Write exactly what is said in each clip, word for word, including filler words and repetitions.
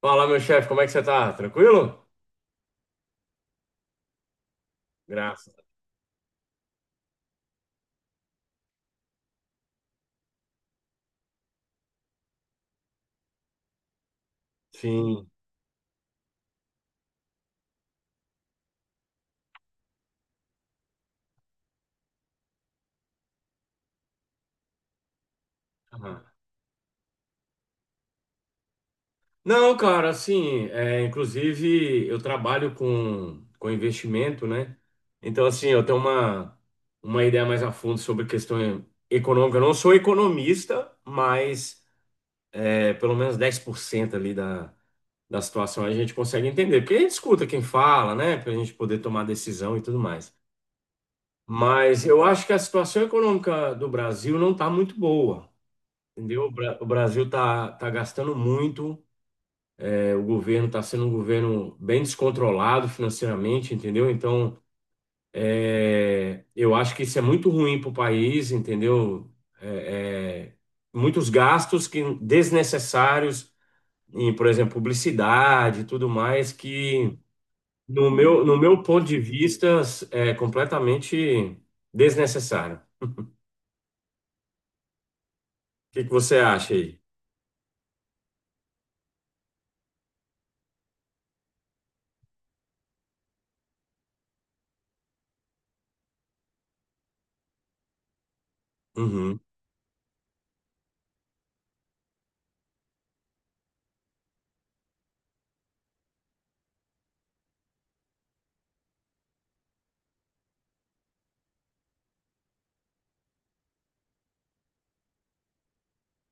Fala, meu chefe, como é que você tá? Tranquilo? Graças. Sim. Aham. Não, cara, assim, é, inclusive eu trabalho com, com investimento, né? Então, assim, eu tenho uma, uma ideia mais a fundo sobre questão econômica. Eu não sou economista, mas é, pelo menos dez por cento ali da, da situação a gente consegue entender. Porque a gente escuta quem fala, né? Pra gente poder tomar decisão e tudo mais. Mas eu acho que a situação econômica do Brasil não está muito boa. Entendeu? O Bra- o Brasil está tá tá gastando muito, é, o governo está sendo um governo bem descontrolado financeiramente, entendeu? Então, é, eu acho que isso é muito ruim para o país, entendeu? É, é, muitos gastos que desnecessários em, por exemplo, publicidade e tudo mais, que no meu, no meu ponto de vista é completamente desnecessário. O que que você acha aí? Uhum.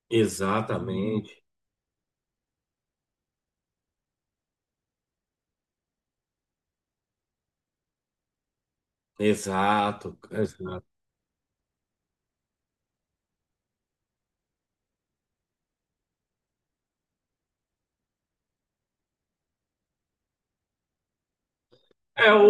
Exatamente, exato, exato. É, o,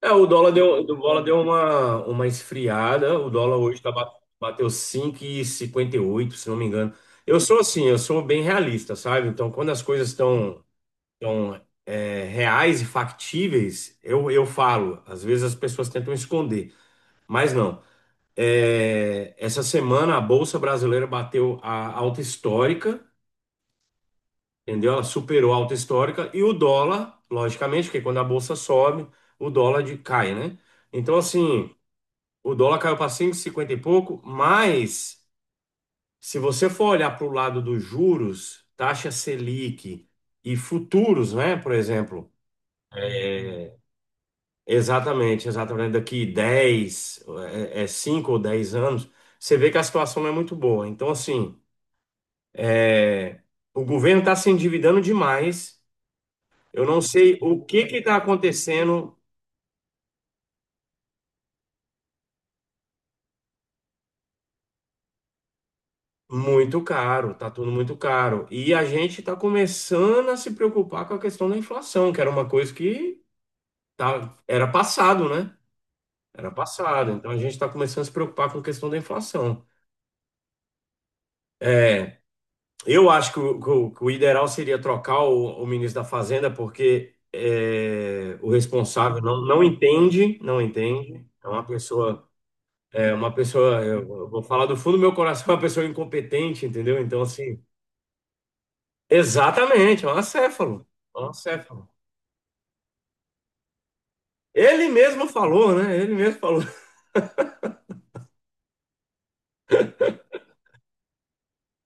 é, o dólar deu, o dólar deu uma, uma esfriada. O dólar hoje tá, ba- bateu cinco e cinquenta e oito se não me engano. Eu sou assim, eu sou bem realista, sabe? Então, quando as coisas estão tão, tão, é, reais e factíveis, eu, eu falo. Às vezes as pessoas tentam esconder, mas não. É, essa semana a Bolsa Brasileira bateu a alta histórica. Entendeu? Ela superou a alta histórica e o dólar, logicamente, porque quando a bolsa sobe, o dólar de- cai, né? Então, assim, o dólar caiu para cinco e cinquenta e pouco, mas se você for olhar para o lado dos juros, taxa Selic e futuros, né? Por exemplo, é, exatamente, exatamente, daqui dez, é, é cinco ou dez anos, você vê que a situação não é muito boa. Então, assim, é, o governo está se endividando demais. Eu não sei o que que está acontecendo. Muito caro, tá tudo muito caro. E a gente está começando a se preocupar com a questão da inflação, que era uma coisa que tá, era passado, né? Era passado. Então a gente está começando a se preocupar com a questão da inflação. É, eu acho que o, que o- que o ideal seria trocar o, o ministro da Fazenda, porque é, o responsável não, não entende, não entende. É uma pessoa. É uma pessoa, eu vou falar do fundo do meu coração, uma pessoa incompetente, entendeu? Então, assim, exatamente, é um acéfalo, é um acéfalo. Ele mesmo falou, né? Ele mesmo falou.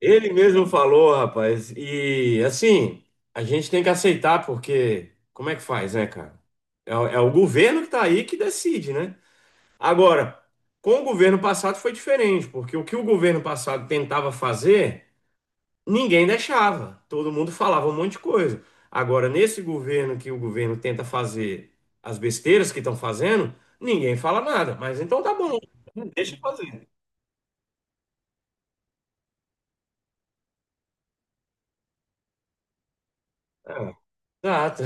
Ele mesmo falou, rapaz. E, assim, a gente tem que aceitar, porque como é que faz, né, cara? É, o é o governo que tá aí que decide, né? Agora, com o governo passado foi diferente, porque o que o governo passado tentava fazer. Ninguém deixava, todo mundo falava um monte de coisa. Agora, nesse governo que o governo tenta fazer as besteiras que estão fazendo, ninguém fala nada. Mas então tá bom, deixa eu fazer. É, exato.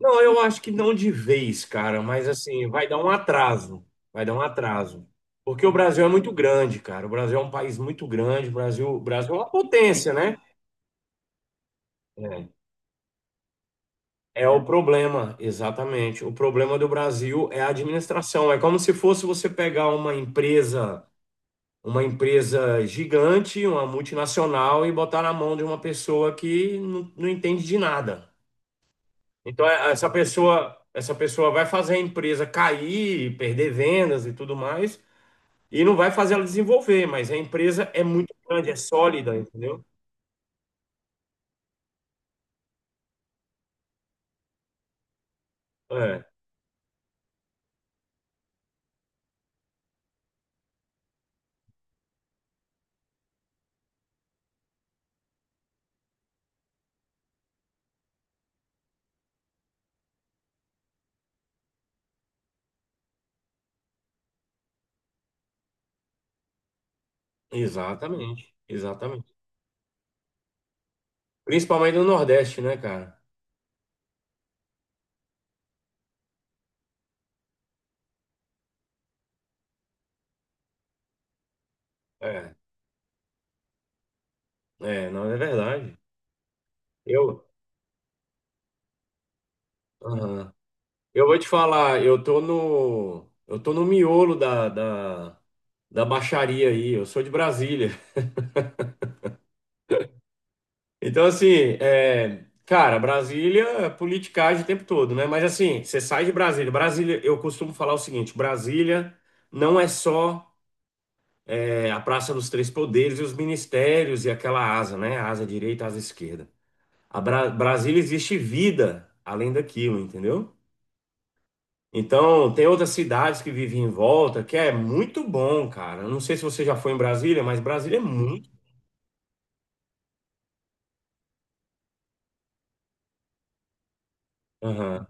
Não, eu acho que não de vez, cara, mas assim, vai dar um atraso. Vai dar um atraso. Porque o Brasil é muito grande, cara. O Brasil é um país muito grande. O Brasil, o Brasil é uma potência, né? É. É o problema, exatamente. O problema do Brasil é a administração. É como se fosse você pegar uma empresa, uma empresa gigante, uma multinacional e botar na mão de uma pessoa que não, não entende de nada. Então é- essa pessoa, essa pessoa vai fazer a empresa cair, perder vendas e tudo mais, e não vai fazer ela desenvolver, mas a empresa é muito grande, é sólida, entendeu? É, exatamente, exatamente. Principalmente no Nordeste, né, cara? É. É, não, é verdade. Eu, aham. Eu vou te falar, eu tô no, eu tô no miolo da, da, da baixaria aí, eu sou de Brasília. Então, assim, é, cara, Brasília é politicagem o tempo todo, né? Mas, assim, você sai de Brasília. Brasília, eu costumo falar o seguinte: Brasília não é só é, a Praça dos Três Poderes e os ministérios e aquela asa, né? Asa direita, asa esquerda. A Bra- Brasília existe vida além daquilo, entendeu? Então, tem outras cidades que vivem em volta, que é muito bom, cara. Eu não sei se você já foi em Brasília, mas Brasília é muito. Aham.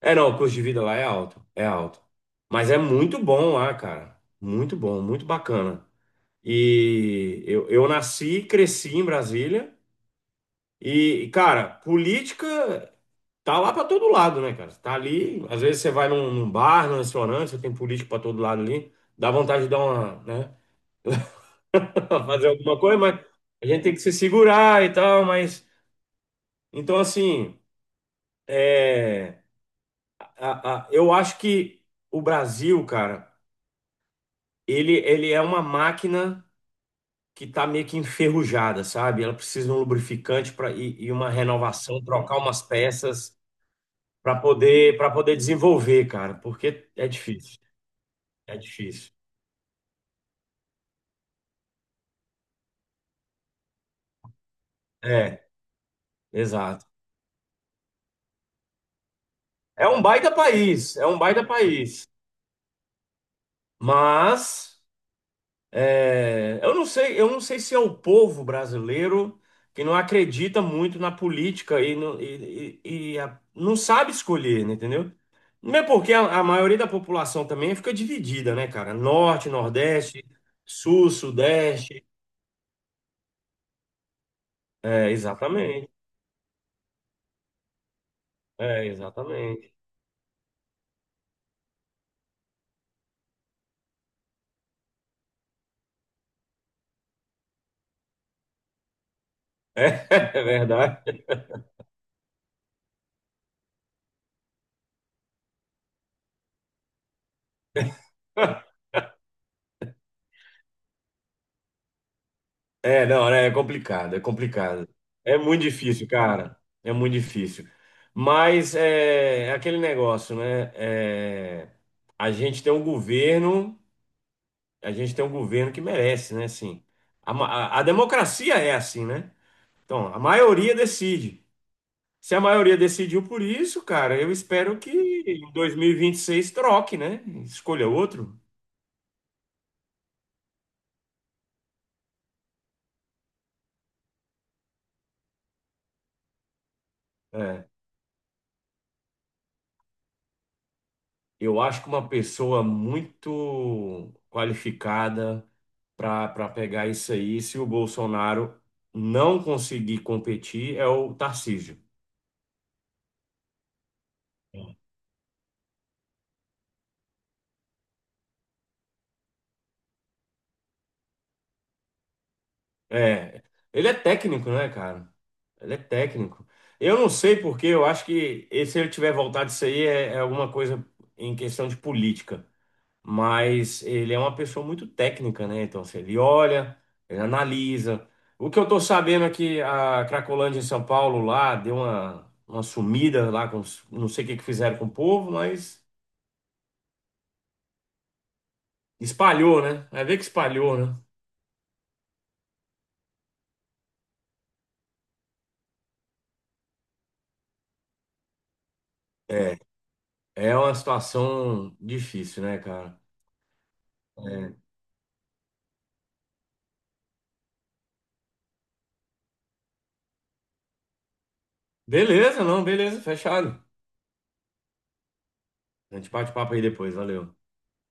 É, não, o custo de vida lá é alto, é alto. Mas é muito bom lá, cara. Muito bom, muito bacana. E eu, eu nasci e cresci em Brasília. E, cara, política tá lá pra todo lado, né, cara? Tá ali, às vezes você vai num, num bar, num restaurante, você tem político pra todo lado ali. Dá vontade de dar uma, né? fazer alguma coisa, mas a gente tem que se segurar e tal, mas então assim, é, a- a- eu acho que o Brasil, cara, ele, ele é uma máquina que tá meio que enferrujada, sabe? Ela precisa de um lubrificante para e, e uma renovação, trocar umas peças para poder para poder desenvolver, cara, porque é difícil, é difícil. É, exato. É um baita país, é um baita país, mas é. Eu não sei, eu não sei se é o povo brasileiro que não acredita muito na política e, não e- e- e a- não sabe escolher, né, entendeu? Não é porque a, a maioria da população também fica dividida, né, cara? Norte, Nordeste, Sul, Sudeste. É, exatamente. É, exatamente. É, é verdade. É, não, né, é complicado, é complicado. É muito difícil, cara. É muito difícil. Mas é, é aquele negócio, né? É, a gente tem um governo, a gente tem um governo que merece, né? Assim, a, ma- a- a democracia é assim, né? Então, a maioria decide. Se a maioria decidiu por isso, cara, eu espero que em dois mil e vinte e seis troque, né? Escolha outro. É. Eu acho que uma pessoa muito qualificada para para pegar isso aí, se o Bolsonaro não conseguir competir, é o Tarcísio. É, ele é técnico, né, cara? Ele é técnico. Eu não sei porque, eu acho que e se ele tiver voltado isso aí é, é alguma coisa em questão de política. Mas ele é uma pessoa muito técnica, né? Então, assim, ele olha, ele analisa. O que eu tô sabendo é que a Cracolândia em São Paulo lá deu uma, uma sumida lá com os- não sei o que que fizeram com o povo, mas espalhou, né? Vai ver que espalhou, né? É, é uma situação difícil, né, cara? É. Beleza, não, beleza, fechado. A gente bate papo aí depois, valeu.